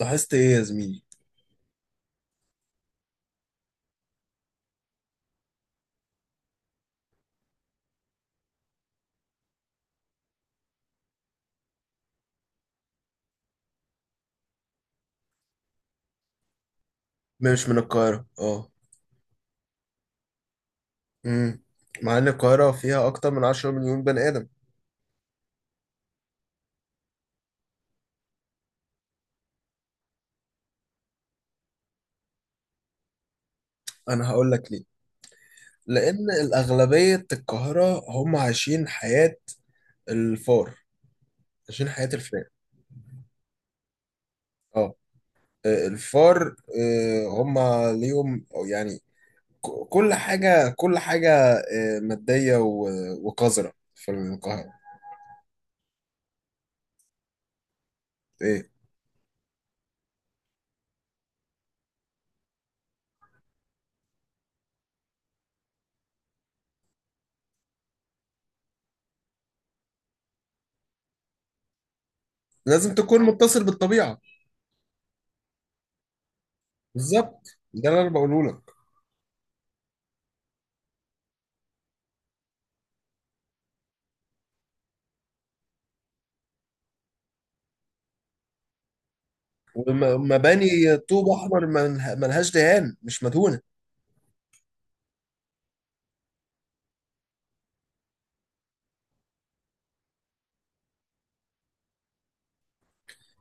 لاحظت ايه يا زميلي؟ مش من القاهرة، اه. امم. مع ان القاهرة فيها اكتر من 10 مليون بني ادم. انا هقول لك ليه. لان الاغلبية القاهرة هم عايشين حياة الفار. عايشين حياة الفئة. اه. الفار هم ليهم أو يعني كل حاجة كل حاجة مادية وقذرة في القاهرة. ايه؟ لازم تكون متصل بالطبيعة. بالظبط، ده اللي انا بقوله لك. ومباني طوب احمر ملهاش دهان، مش مدهونه.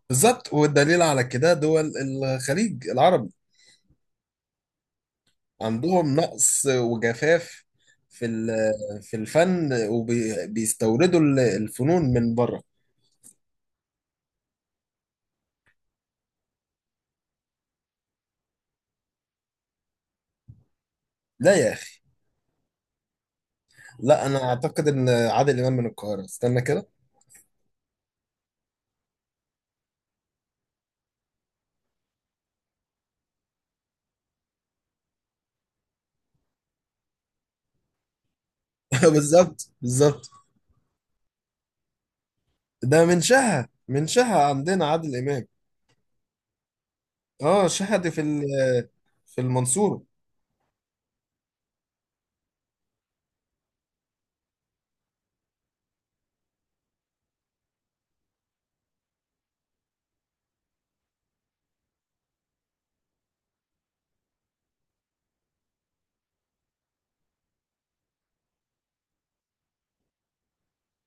بالظبط، والدليل على كده دول الخليج العربي، عندهم نقص وجفاف في الفن، وبيستوردوا الفنون من بره. لا يا اخي. لا، انا اعتقد ان عادل امام من القاهره. استنى كده. بالظبط، بالظبط. ده من شها عندنا عادل امام. اه، شها دي في المنصوره.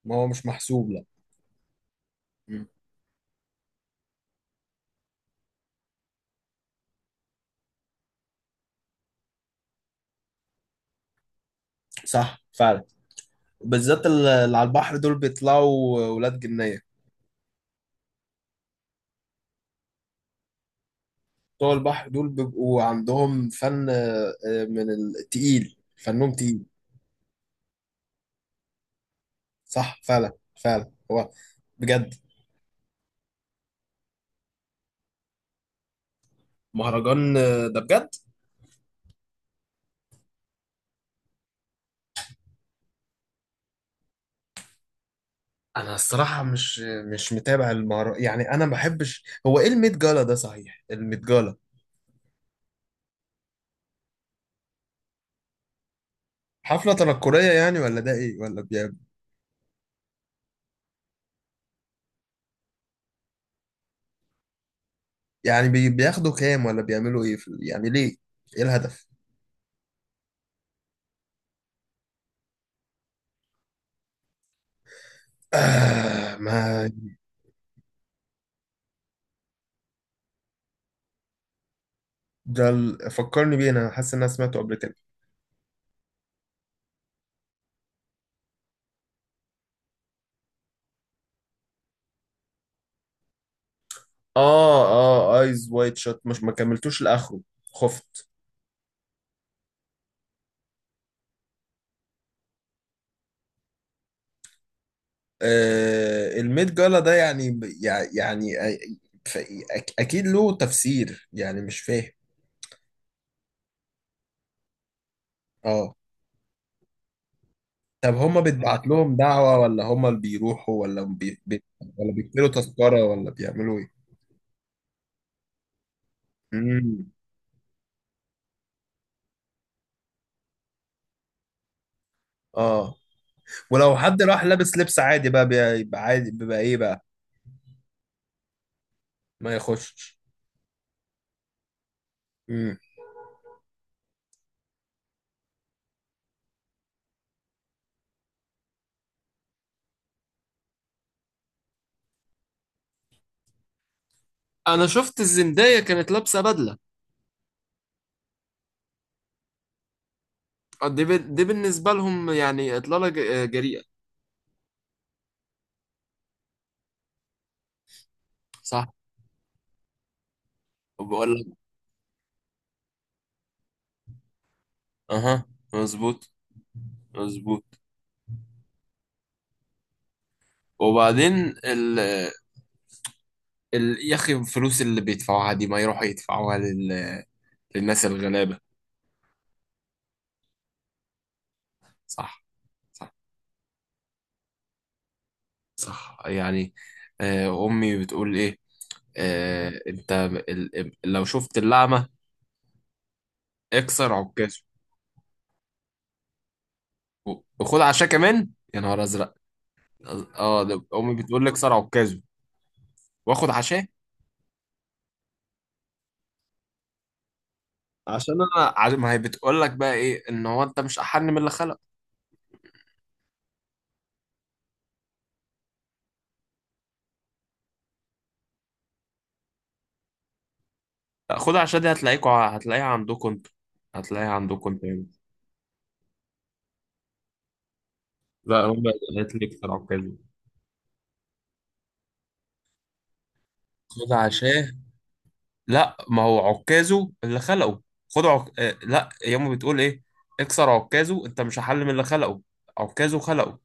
ما هو مش محسوب، لا. مم. صح فعلا. بالذات اللي على البحر دول بيطلعوا ولاد جنية. بتوع البحر دول بيبقوا عندهم فن من التقيل، فنهم تقيل. صح فعلا. فعلا، هو بجد. مهرجان ده بجد. انا الصراحة مش متابع المهرجان، يعني انا ما بحبش. هو ايه الميت جالا ده؟ صحيح، الميت جالا؟ حفلة تنكرية يعني، ولا ده ايه؟ يعني بياخدوا كام، ولا بيعملوا ايه يعني ليه؟ ايه الهدف؟ آه، ما. ده فكرني بيه، انا حاسس ان انا سمعته قبل كده. اه، اه، ايز وايت شوت مش ما كملتوش لاخره. خفت. آه، الميد جالا ده يعني يعني ف- اكيد له تفسير، يعني مش فاهم. اه. طب، هما بيتبعت لهم دعوة ولا هما اللي بيروحوا، ولا؟ ولا بيشتروا تذكرة، ولا بيعملوا ايه؟ امم. اه. ولو حد راح لابس لبس عادي بقى بيبقى عادي، بيبقى ايه بقى؟ ما يخشش. امم. انا شفت الزندايا كانت لابسه بدله. دي بالنسبه لهم يعني اطلاله جريئه. صح. وبقول لك. اها. مظبوط. مظبوط. وبعدين، ال ال يا اخي الفلوس اللي بيدفعوها دي ما يروحوا يدفعوها للناس الغلابة. صح. صح، صح يعني. امي بتقول ايه؟ انت، لو شفت اللعمة، اكسر عكازه، وخد عشاء كمان، يا نهار ازرق. اه. ده امي بتقول لي اكسر عكازه، واخد عشاء. عشان انا ما هي بتقول لك بقى ايه، ان هو انت مش احن من اللي خلق. خدها عشان دي هتلاقيها عندكم انتوا. هتلاقيها عندكم انتوا يعني. لا، هم اللي هتلاقيك في عكازو. خدها عشان. لا، ما هو عكازو اللي خلقه. خد عك... آه، لا، ياما بتقول ايه؟ اكسر عكازو، انت مش هحل من اللي خلقه. عكازو خلقه.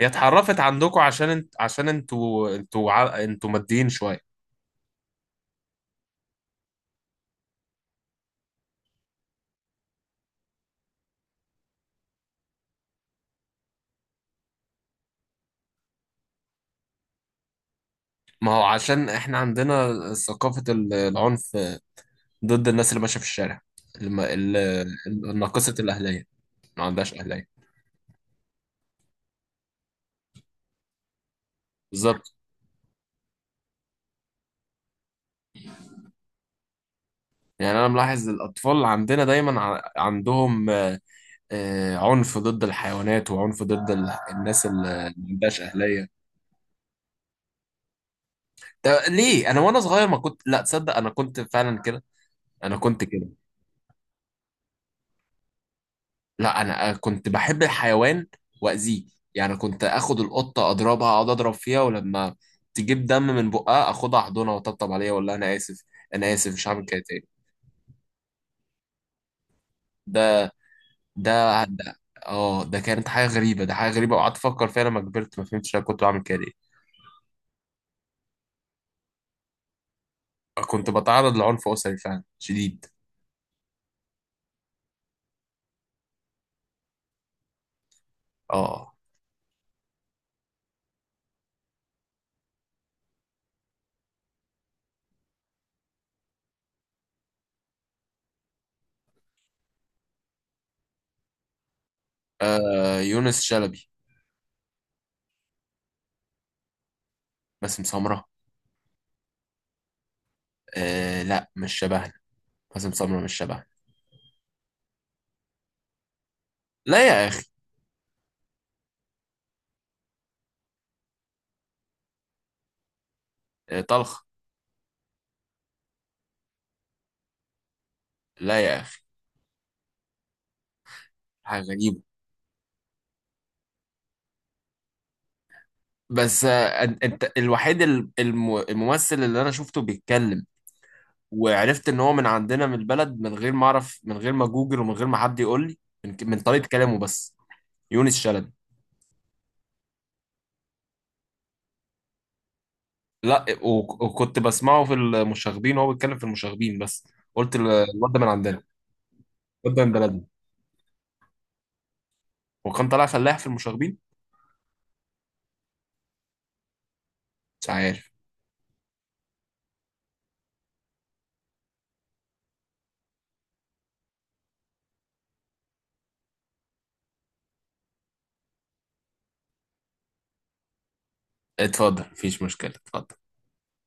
هي اتحرفت عندكم، عشان عشان انتوا ماديين شويه. ما هو عشان احنا عندنا ثقافه العنف، ضد الناس اللي ماشيه في الشارع، الم... ال... ال- الناقصه الاهليه، ما عندهاش اهليه. بالظبط. يعني انا ملاحظ الاطفال عندنا دايما عندهم عنف ضد الحيوانات، وعنف ضد الناس اللي ما عندهاش اهليه. ده ليه؟ انا وانا صغير ما كنت، لا تصدق، انا كنت فعلا كده. انا كنت كده. لا، انا كنت بحب الحيوان واذيه. يعني كنت اخد القطه اضربها، اقعد اضرب فيها، ولما تجيب دم من بقها اخدها احضنها واطبطب عليها واقول لها انا اسف، انا اسف مش هعمل كده تاني. ده ده ده، اه، ده كانت حاجه غريبه، ده حاجه غريبه، وقعدت افكر فيها لما كبرت، ما فهمتش انا كنت بعمل كده ليه. كنت بتعرض لعنف أسري فعلا شديد. اه. يونس شلبي. باسم سمرة؟ آه، لا، مش شبهنا. باسم سمرة مش شبهنا. لا يا أخي. آه، طلخ. لا يا أخي. حاجة غريبة. بس، أنت الوحيد الممثل اللي أنا شفته بيتكلم وعرفت إن هو من عندنا من البلد، من غير ما أعرف، من غير ما جوجل، ومن غير ما حد يقول لي، من طريقة كلامه بس. يونس شلبي. لا، وكنت بسمعه في المشاغبين وهو بيتكلم في المشاغبين بس. قلت الواد ده من عندنا، الواد ده من بلدنا، وكان طالع فلاح في المشاغبين. مش عارف. اتفضل، مفيش مشكلة، اتفضل.